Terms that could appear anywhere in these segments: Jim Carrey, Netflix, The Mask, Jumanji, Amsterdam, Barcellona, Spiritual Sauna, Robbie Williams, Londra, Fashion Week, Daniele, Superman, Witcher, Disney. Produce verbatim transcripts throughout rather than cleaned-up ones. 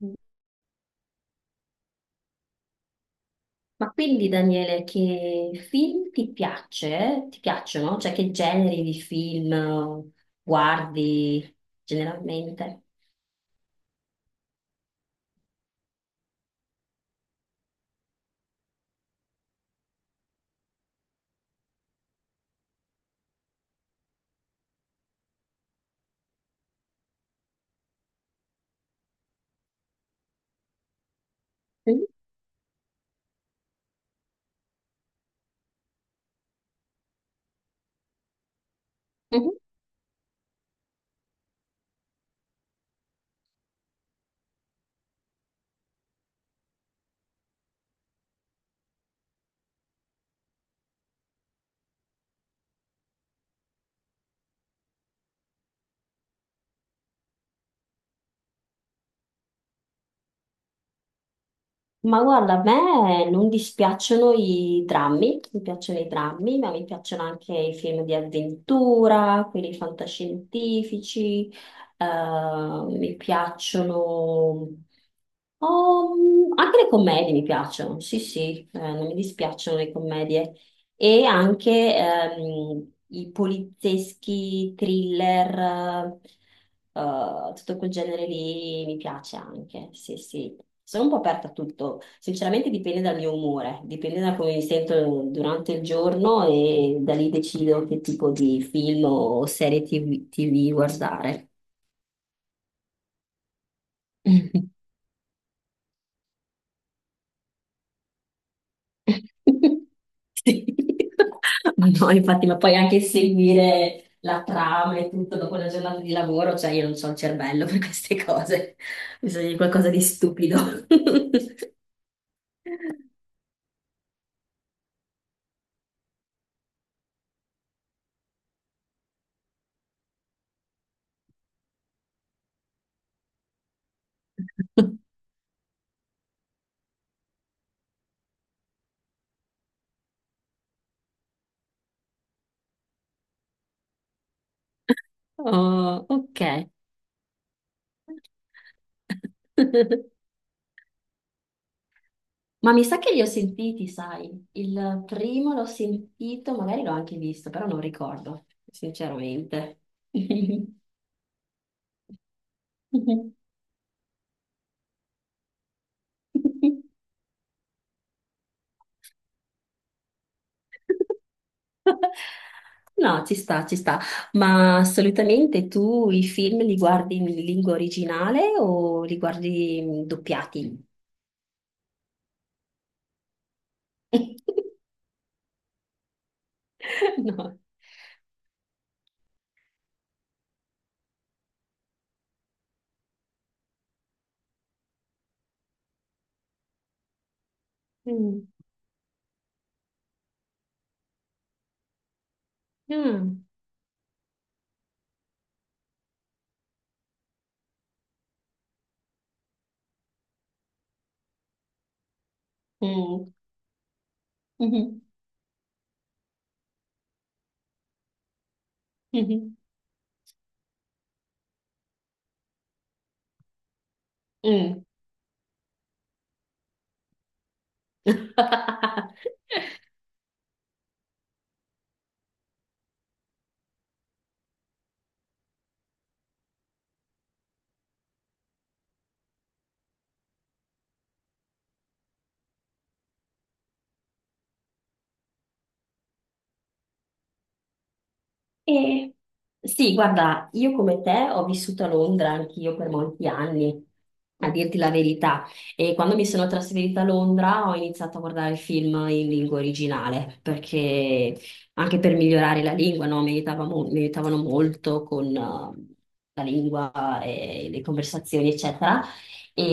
Ma quindi Daniele, che film ti piace? Ti piacciono? Cioè che generi di film eh, guardi generalmente? Mhm, mhm. Ma guarda, a me non dispiacciono i drammi, mi piacciono i drammi, ma mi piacciono anche i film di avventura, quelli fantascientifici, eh, mi piacciono Oh, anche le commedie mi piacciono, sì, sì, eh, non mi dispiacciono le commedie. E anche ehm, i polizieschi, thriller, eh, eh, tutto quel genere lì mi piace anche, sì, sì. Sono un po' aperta a tutto, sinceramente dipende dal mio umore, dipende da come mi sento durante il giorno e da lì decido che tipo di film o serie ti vu guardare. Sì. Ma no, infatti, ma poi anche seguire la trama e tutto dopo una giornata di lavoro, cioè io non ho il cervello per queste cose, bisogna di qualcosa di stupido. Oh, ok. Ma mi sa che li ho sentiti, sai? Il primo l'ho sentito, magari l'ho anche visto, però non ricordo, sinceramente. No, ci sta, ci sta. Ma assolutamente tu i film li guardi in lingua originale o li guardi mm, doppiati? No. Mm. Mm. Mm. Mhm. Mhm. Mm. E sì, guarda, io come te ho vissuto a Londra anch'io per molti anni, a dirti la verità. E quando mi sono trasferita a Londra ho iniziato a guardare film in lingua originale, perché anche per migliorare la lingua, no, mi aiutava mo- mi aiutavano molto con eh, la lingua e le conversazioni, eccetera. E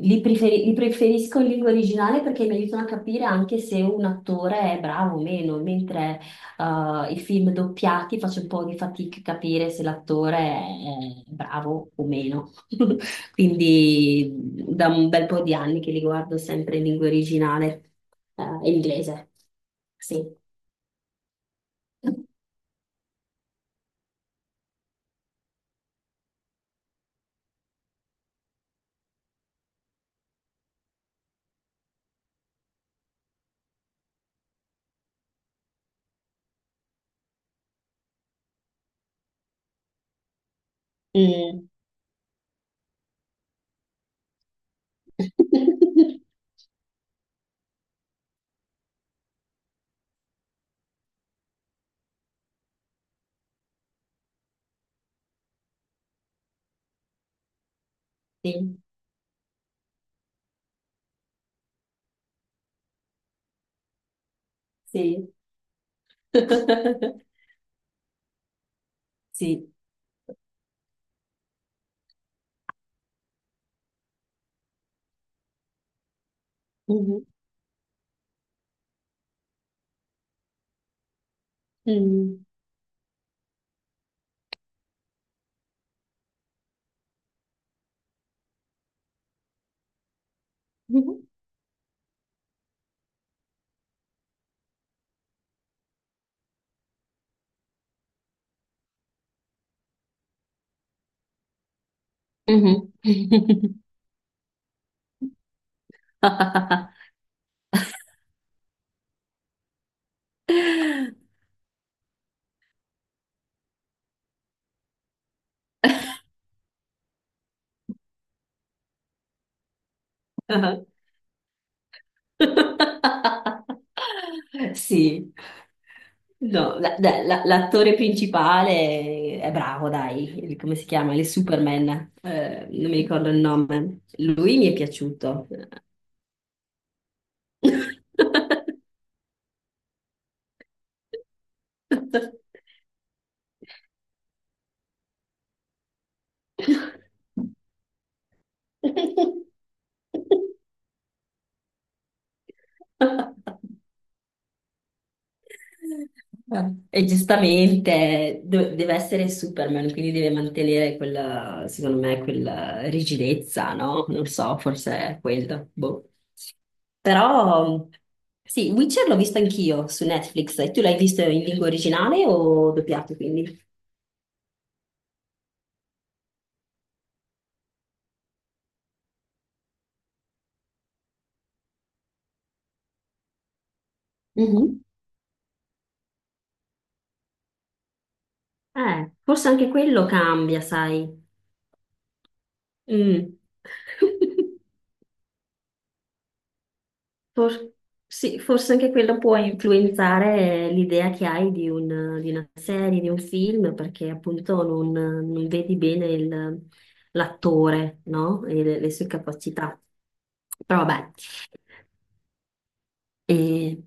li, preferi- li preferisco in lingua originale perché mi aiutano a capire anche se un attore è bravo o meno, mentre Uh, I film doppiati faccio un po' di fatica a capire se l'attore è, è bravo o meno. Quindi da un bel po' di anni che li guardo sempre in lingua originale, eh, inglese. Sì. Mm. Sì, sì. Sì. Mhm. Mm. Mhm. Mhm. Sì, no, la- la- la- l'attore principale è bravo, dai, il- come si chiama? Il Superman, Eh, non mi ricordo il nome. Lui mi è piaciuto. E giustamente do- deve essere Superman, quindi deve mantenere quella, secondo me, quella rigidezza, no? Non so, forse è quello. Boh. Però sì, Witcher l'ho visto anch'io su Netflix. E tu l'hai visto in lingua originale o doppiato, quindi? Mhm. Eh, forse anche quello cambia, sai. Mm. For- sì, forse anche quello può influenzare l'idea che hai di, un- di una serie, di un film, perché appunto non, non vedi bene il- l'attore, no? E le, le sue capacità. Però vabbè, e,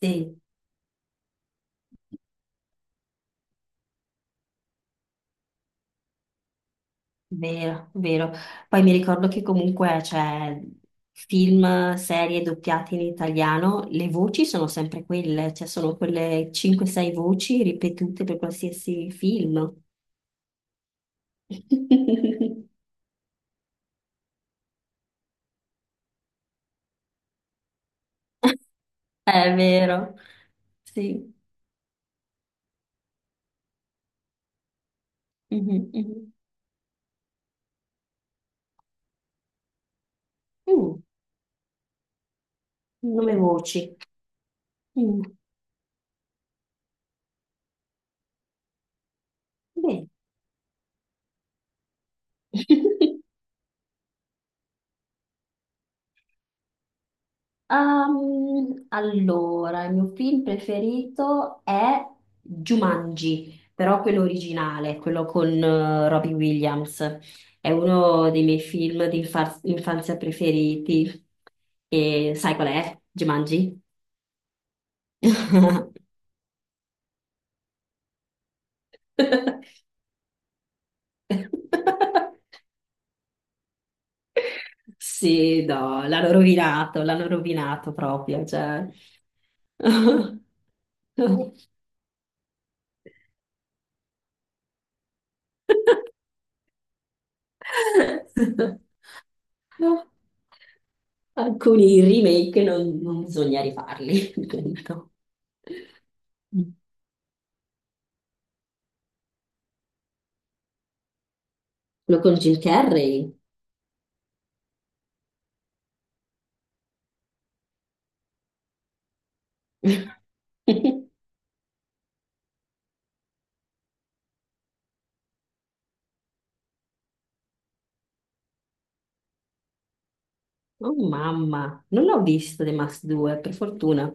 sì. Vero, vero. Poi mi ricordo che comunque c'è film, serie doppiate in italiano, le voci sono sempre quelle, cioè sono quelle cinque sei voci ripetute per qualsiasi film. È vero, sì. Mhm, mhm. Mm, nome voci. Mm, bene. Ehm, allora, il mio film preferito è Jumanji, però quello originale, quello con eh, Robbie Williams. È uno dei miei film di infar- infanzia preferiti. E sai qual è? Jumanji? Sì, no, l'hanno rovinato, l'hanno rovinato proprio, cioè. Alcuni remake non, non bisogna rifarli, appunto. Quello con Jim Carrey. Oh mamma, non l'ho visto The Mask due, per fortuna.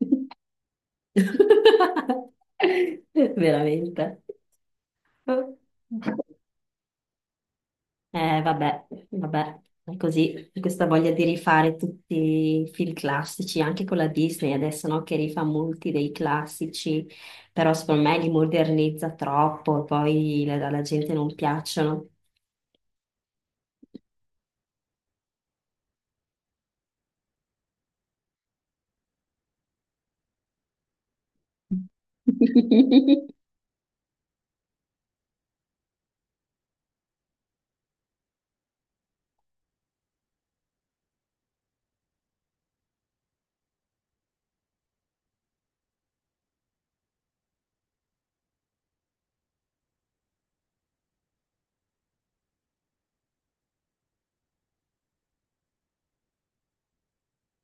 Veramente. Eh, vabbè, vabbè, è così, questa voglia di rifare tutti i film classici, anche con la Disney adesso, no, che rifà molti dei classici, però secondo me li modernizza troppo, poi la- alla gente non piacciono.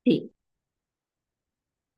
Sì,